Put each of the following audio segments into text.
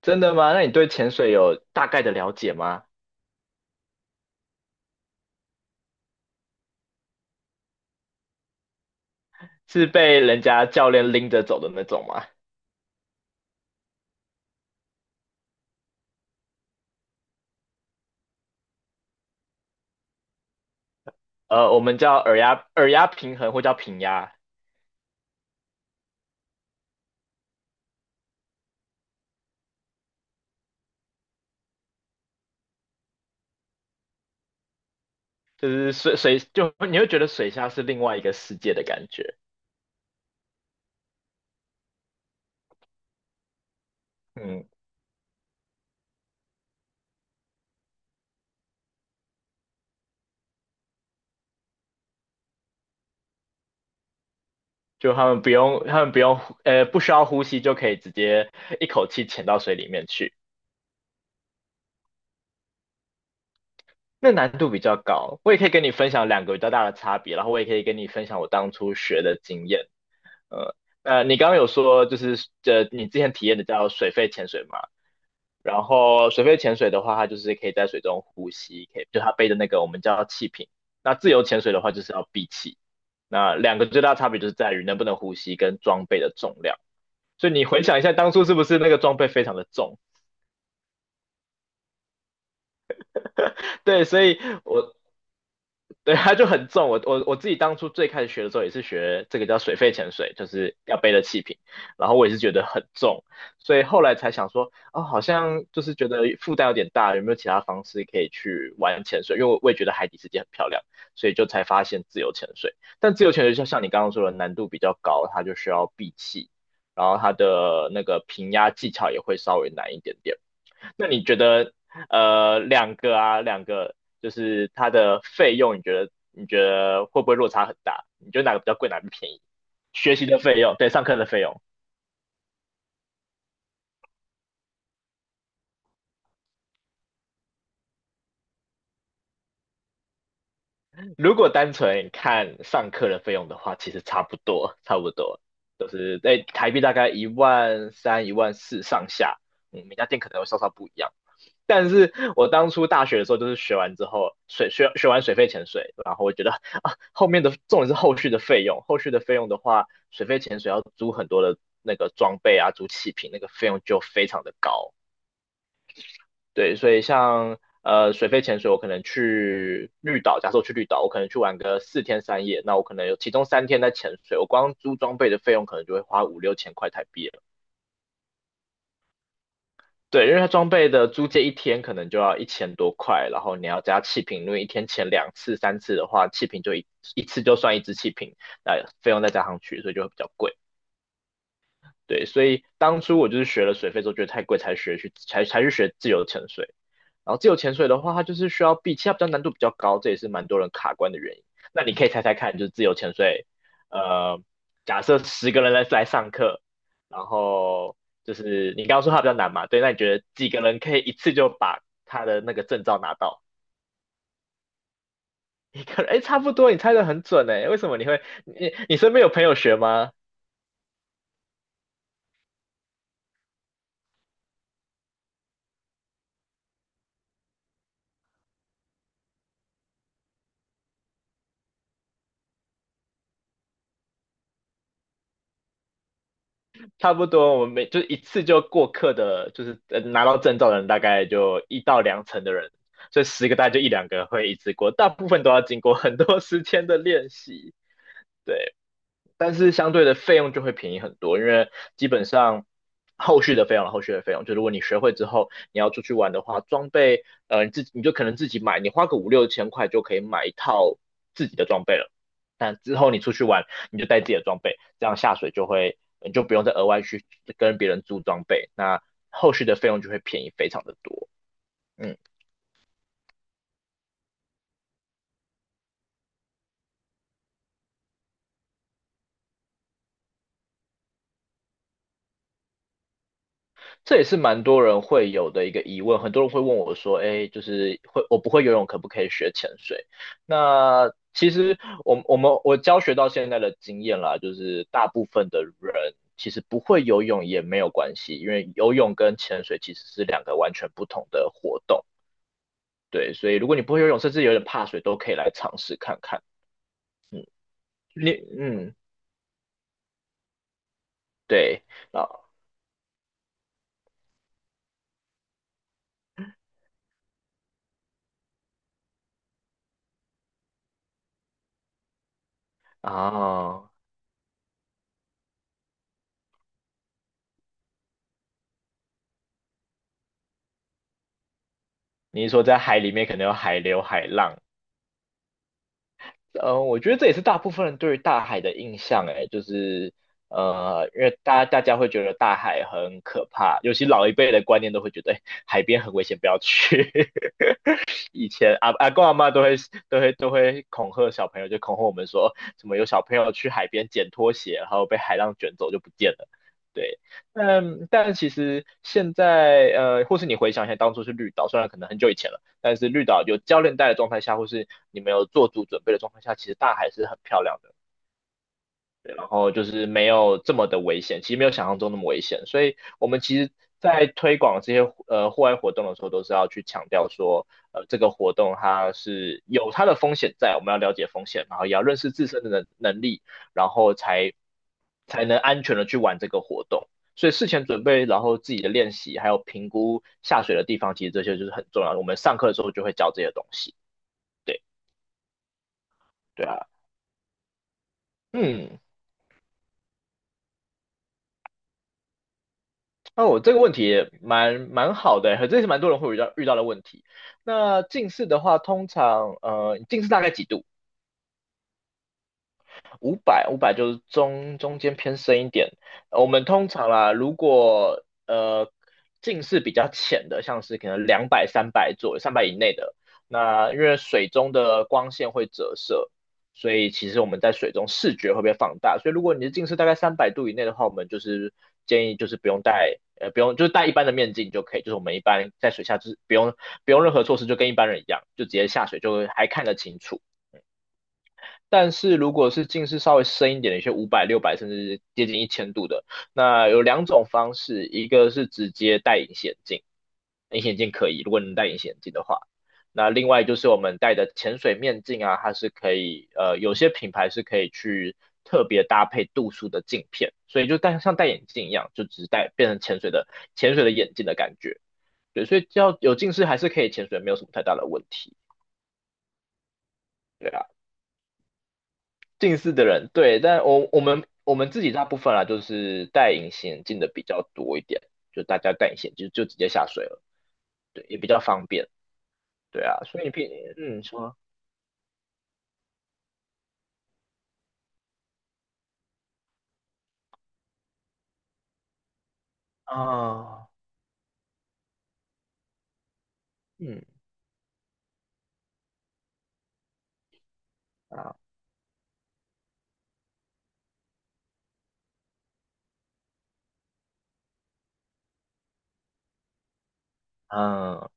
真的吗？那你对潜水有大概的了解吗？是被人家教练拎着走的那种吗？我们叫耳压平衡，或叫平压。就是水水就你会觉得水下是另外一个世界的感觉。嗯。就他们不用他们不用呃不需要呼吸就可以直接一口气潜到水里面去。那难度比较高。我也可以跟你分享两个比较大的差别，然后我也可以跟你分享我当初学的经验。呃你刚刚有说就是你之前体验的叫水肺潜水吗？然后水肺潜水的话，它就是可以在水中呼吸，可以就它背的那个我们叫气瓶。那自由潜水的话，就是要闭气。那两个最大差别就是在于能不能呼吸跟装备的重量。所以你回想一下，当初是不是那个装备非常的重？对，所以我对，它就很重。我自己当初最开始学的时候也是学这个叫水肺潜水，就是要背的气瓶。然后我也是觉得很重，所以后来才想说，哦，好像就是觉得负担有点大，有没有其他方式可以去玩潜水？因为我也觉得海底世界很漂亮，所以就才发现自由潜水。但自由潜水就像你刚刚说的，难度比较高，它就需要闭气，然后它的那个平压技巧也会稍微难一点点。那你觉得两个就是它的费用，你觉得会不会落差很大？你觉得哪个比较贵，哪个比较便宜？学习的费用，对，上课的费用。如果单纯看上课的费用的话，其实差不多，差不多，都是在台币大概一万三、一万四上下。嗯，每家店可能会稍稍不一样。但是我当初大学的时候，就是学完之后，学完水肺潜水，然后我觉得啊，后面的重点是后续的费用，后续的费用的话，水肺潜水要租很多的那个装备啊，租气瓶，那个费用就非常的高。对，所以像水肺潜水，我可能去绿岛，假设我去绿岛，我可能去玩个四天三夜，那我可能有其中三天在潜水，我光租装备的费用可能就会花五六千块台币了。对，因为它装备的租借一天可能就要一千多块，然后你要加气瓶，因为一天前两次、三次的话，气瓶就一次就算一支气瓶，那费用再加上去，所以就会比较贵。对，所以当初我就是学了水费之后，觉得太贵，才去学自由潜水。然后自由潜水的话，它就是需要闭气，它难度比较高，这也是蛮多人卡关的原因。那你可以猜猜看，就是自由潜水，呃，假设10个人来上课，然后就是你刚刚说它比较难嘛，对，那你觉得几个人可以一次就把他的那个证照拿到？一个人，哎，差不多，你猜的很准哎，为什么你会？你身边有朋友学吗？差不多，我们就一次就过课的，就是拿到证照的人大概就一到两成的人，所以十个大概就一两个会一次过，大部分都要经过很多时间的练习。对。但是相对的费用就会便宜很多，因为基本上后续的费用，后续的费用，就如果你学会之后，你要出去玩的话，装备，你自己你就可能自己买，你花个五六千块就可以买一套自己的装备了。但之后你出去玩，你就带自己的装备，这样下水就会，你就不用再额外去跟别人租装备，那后续的费用就会便宜非常的多。嗯。这也是蛮多人会有的一个疑问，很多人会问我说："哎，就是我不会游泳，可不可以学潜水？"那其实我教学到现在的经验啦，就是大部分的人其实不会游泳也没有关系，因为游泳跟潜水其实是两个完全不同的活动。对，所以如果你不会游泳，甚至有点怕水，都可以来尝试看看。你嗯，对啊啊，你是说在海里面可能有海流、海浪。我觉得这也是大部分人对于大海的印象，哎，就是因为大家会觉得大海很可怕，尤其老一辈的观念都会觉得，哎，海边很危险，不要去。以前阿公阿妈都会恐吓小朋友，就恐吓我们说怎么有小朋友去海边捡拖鞋，然后被海浪卷走就不见了。对，但其实现在或是你回想一下当初是绿岛，虽然可能很久以前了，但是绿岛有教练带的状态下，或是你没有做足准备的状态下，其实大海是很漂亮的。然后就是没有这么的危险，其实没有想象中那么危险。所以我们其实在推广这些户外活动的时候，都是要去强调说，这个活动它是有它的风险在，我们要了解风险，然后也要认识自身的能力，然后才能安全的去玩这个活动。所以事前准备，然后自己的练习，还有评估下水的地方，其实这些就是很重要的。我们上课的时候就会教这些东西。对，对啊。嗯。哦，我这个问题也蛮好的欸，这也是蛮多人会遇到的问题。那近视的话，通常你近视大概几度？五百就是中间偏深一点。我们通常啦，如果近视比较浅的，像是可能200、三百左右、三百以内的，那因为水中的光线会折射，所以其实我们在水中视觉会被放大。所以如果你的近视大概300度以内的话，我们就是建议就是不用戴。不用，就是戴一般的面镜就可以，就是我们一般在水下就是不用任何措施，就跟一般人一样，就直接下水就还看得清楚。但是如果是近视稍微深一点的，有些五百、600甚至接近1000度的，那有两种方式，一个是直接戴隐形眼镜，隐形眼镜可以，如果能戴隐形眼镜的话，那另外就是我们戴的潜水面镜啊，它是可以，有些品牌是可以去特别搭配度数的镜片，所以就戴像戴眼镜一样，就只是戴变成潜水的眼镜的感觉。对，所以只要有近视还是可以潜水，没有什么太大的问题，对啊。近视的人，对，但我们自己大部分啦，就是戴隐形眼镜的比较多一点，就大家戴隐形就直接下水了，对，也比较方便，对啊。所以嗯，说啊，嗯啊，嗯。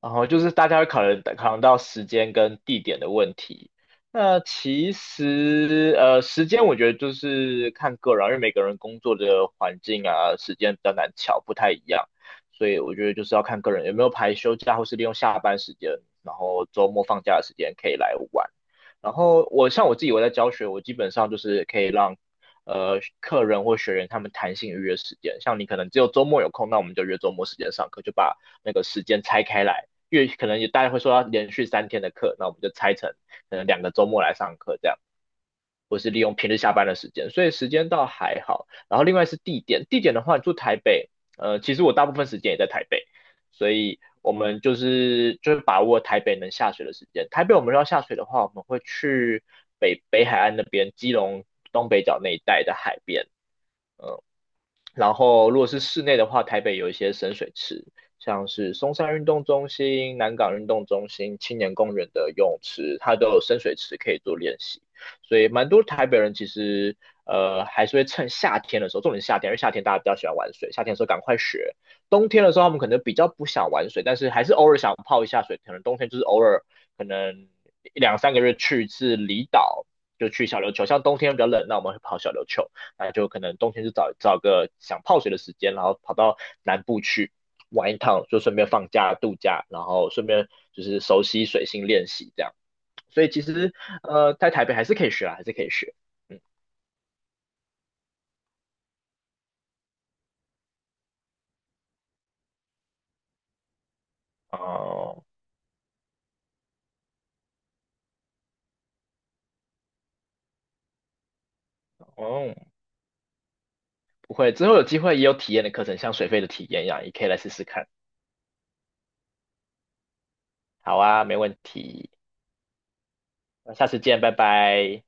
然后就是大家会考虑考量到时间跟地点的问题。那其实时间我觉得就是看个人啊，因为每个人工作的环境啊、时间比较难巧，不太一样，所以我觉得就是要看个人有没有排休假，或是利用下班时间，然后周末放假的时间可以来玩。然后我像我自己我在教学，我基本上就是可以让客人或学员他们弹性预约时间，像你可能只有周末有空，那我们就约周末时间上课，就把那个时间拆开来，因为可能也大家会说要连续三天的课，那我们就拆成可能两个周末来上课这样，或是利用平日下班的时间，所以时间倒还好。然后另外是地点，地点的话，你住台北，其实我大部分时间也在台北，所以我们就是把握台北能下水的时间。台北我们要下水的话，我们会去北海岸那边，基隆东北角那一带的海边，然后如果是室内的话，台北有一些深水池，像是松山运动中心、南港运动中心、青年公园的游泳池，它都有深水池可以做练习。所以蛮多台北人其实还是会趁夏天的时候，重点是夏天，因为夏天大家比较喜欢玩水，夏天的时候赶快学。冬天的时候他们可能比较不想玩水，但是还是偶尔想泡一下水，可能冬天就是偶尔可能两三个月去一次离岛，就去小琉球。像冬天比较冷，那我们会跑小琉球。那就可能冬天就找个想泡水的时间，然后跑到南部去玩一趟，就顺便放假度假，然后顺便就是熟悉水性练习这样。所以其实在台北还是可以学啊，还是可以学。嗯。哦哦。不会，之后有机会也有体验的课程，像水费的体验一样，也可以来试试看。好啊，没问题，那下次见，拜拜。